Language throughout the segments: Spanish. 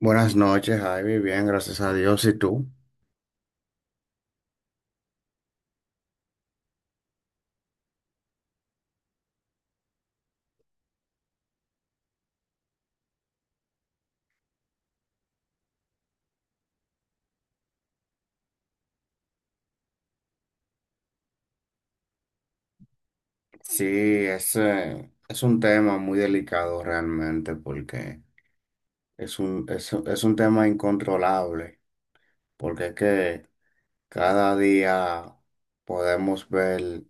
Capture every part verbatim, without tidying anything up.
Buenas noches, Javi. Bien, gracias a Dios. ¿Y tú? Sí, es, eh, es un tema muy delicado realmente porque es un, es, es un tema incontrolable, porque es que cada día podemos ver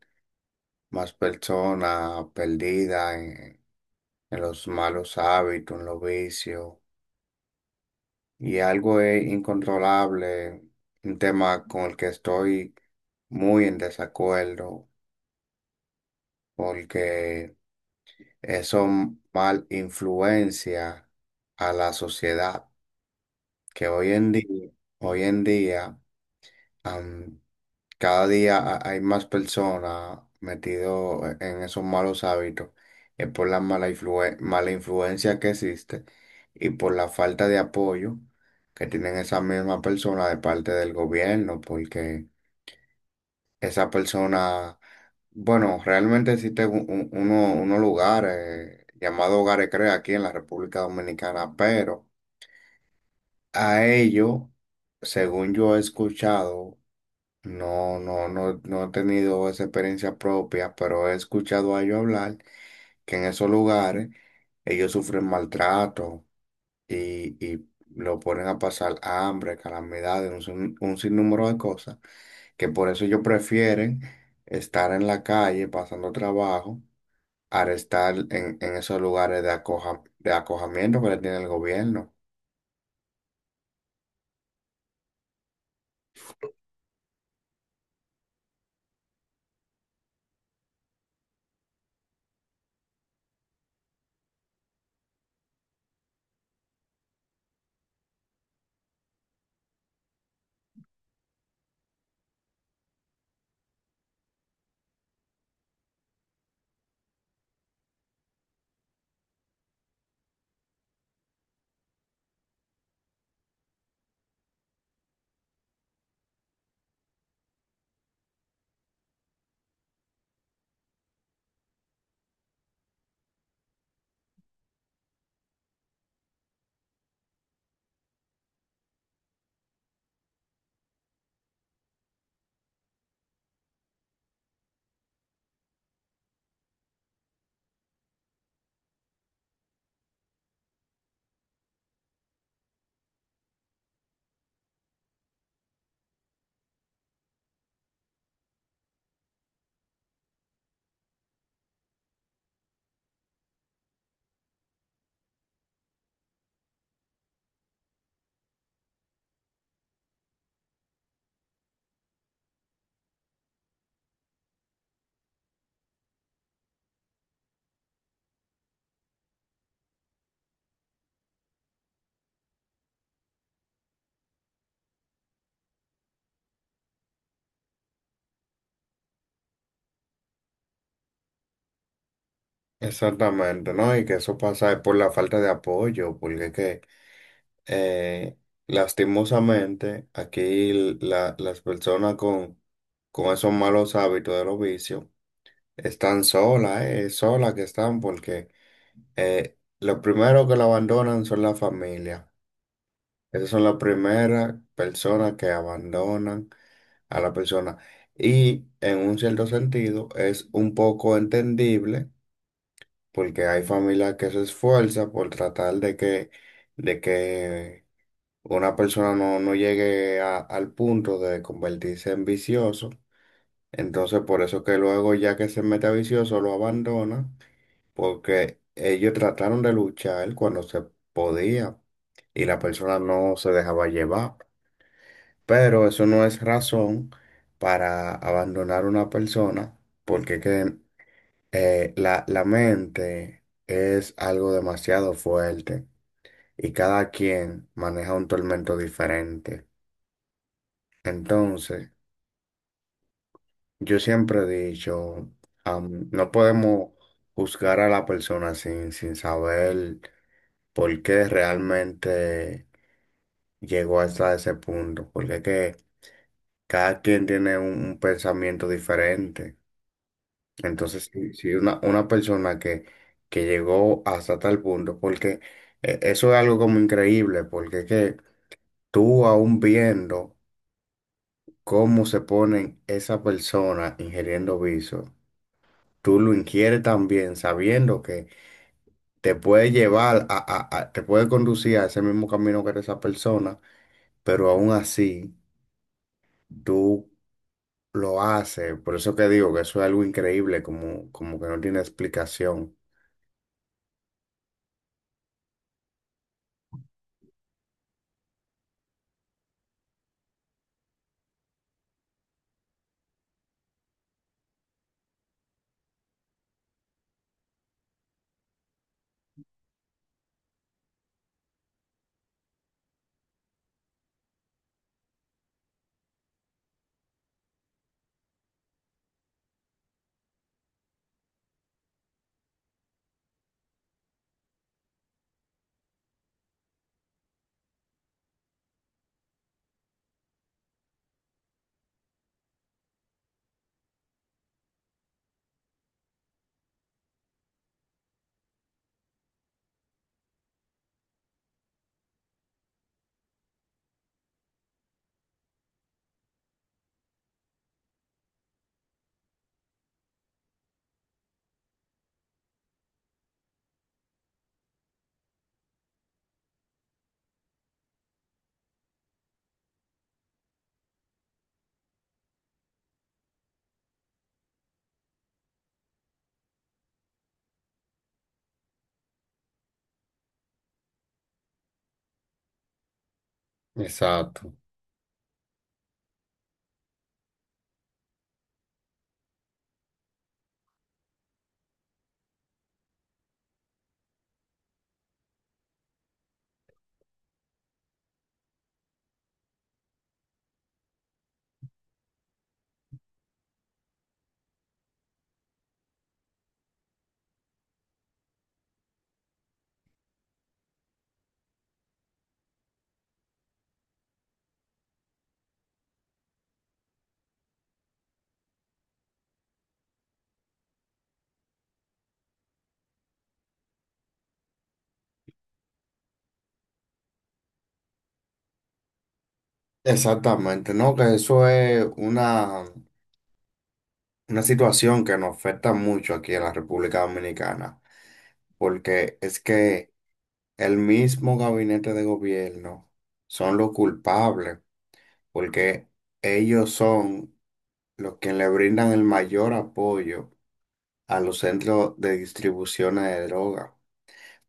más personas perdidas en, en los malos hábitos, en los vicios, y algo es incontrolable, un tema con el que estoy muy en desacuerdo, porque eso mal influencia a la sociedad, que hoy en día, hoy en día, am, cada día ha- hay más personas metidas en esos malos hábitos, es por la mala influe- mala influencia que existe y por la falta de apoyo que tienen esas mismas personas de parte del gobierno, porque esa persona, bueno, realmente existe un- un- uno, unos lugares llamados Hogares Crea aquí en la República Dominicana, pero a ellos, según yo he escuchado, no, no, no, no he tenido esa experiencia propia, pero he escuchado a ellos hablar que en esos lugares ellos sufren maltrato y, y lo ponen a pasar hambre, calamidades, un, sin- un sinnúmero de cosas que por eso ellos prefieren estar en la calle pasando trabajo al estar en, en esos lugares de acoja- de acojamiento que le tiene el gobierno. Exactamente, ¿no? Y que eso pasa es por la falta de apoyo, porque es que eh, lastimosamente aquí l- la- las personas con, con esos malos hábitos de los vicios están solas, eh, solas que están, porque eh, lo primero que la abandonan son la familia. Esas son las primeras personas que abandonan a la persona. Y en un cierto sentido es un poco entendible porque hay familias que se esfuerzan por tratar de que, de que una persona no, no llegue a- al punto de convertirse en vicioso. Entonces por eso que luego ya que se mete a vicioso lo abandona porque ellos trataron de luchar cuando se podía y la persona no se dejaba llevar. Pero eso no es razón para abandonar una persona porque que, eh, la, la mente es algo demasiado fuerte y cada quien maneja un tormento diferente. Entonces, yo siempre he dicho, am, no podemos juzgar a la persona sin, sin saber por qué realmente llegó hasta ese punto, porque que cada quien tiene un un pensamiento diferente. Entonces, si, si una, una persona que, que llegó hasta tal punto, porque eh, eso es algo como increíble, porque es que tú aún viendo cómo se ponen esa persona ingiriendo vicio, tú lo ingieres también sabiendo que te puede llevar a, a- a- te puede conducir a ese mismo camino que era esa persona, pero aún así tú lo haces. Por eso que digo que eso es algo increíble, como, como que no tiene explicación. Exacto. Exactamente, no, que eso es una, una situación que nos afecta mucho aquí en la República Dominicana, porque es que el mismo gabinete de gobierno son los culpables, porque ellos son los que le brindan el mayor apoyo a los centros de distribución de droga,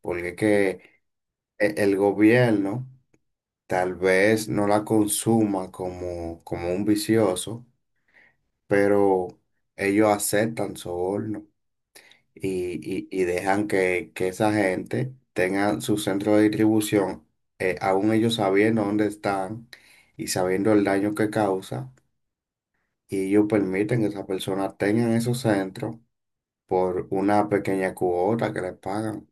porque es que e- el gobierno tal vez no la consuma como, como un vicioso, pero ellos aceptan soborno y, y, y dejan que, que esa gente tenga su centro de distribución, eh, aún ellos sabiendo dónde están y sabiendo el daño que causa, y ellos permiten que esas personas tengan esos centros por una pequeña cuota que les pagan.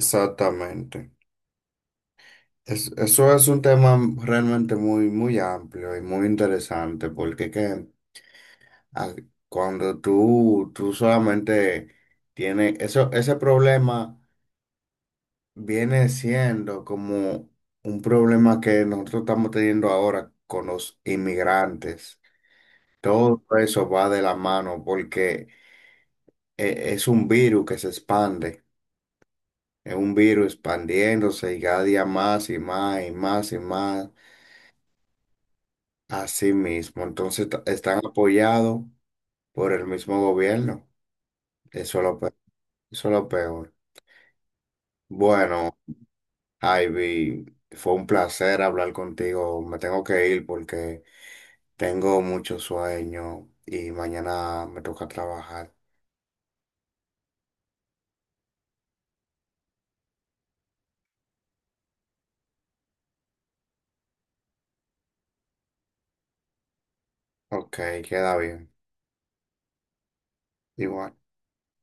Exactamente. Es- eso es un tema realmente muy, muy amplio y muy interesante, porque ¿qué? Ah, cuando tú, tú solamente tienes eso, ese problema viene siendo como un problema que nosotros estamos teniendo ahora con los inmigrantes. Todo eso va de la mano porque e- es un virus que se expande, es un virus expandiéndose y cada día más y más y más y más a sí mismo. Entonces t- están apoyados por el mismo gobierno. Eso es lo pe- Eso es lo peor. Bueno. Ivy, fue un placer hablar contigo. Me tengo que ir porque tengo mucho sueño y mañana me toca trabajar. Ok, queda bien. Igual.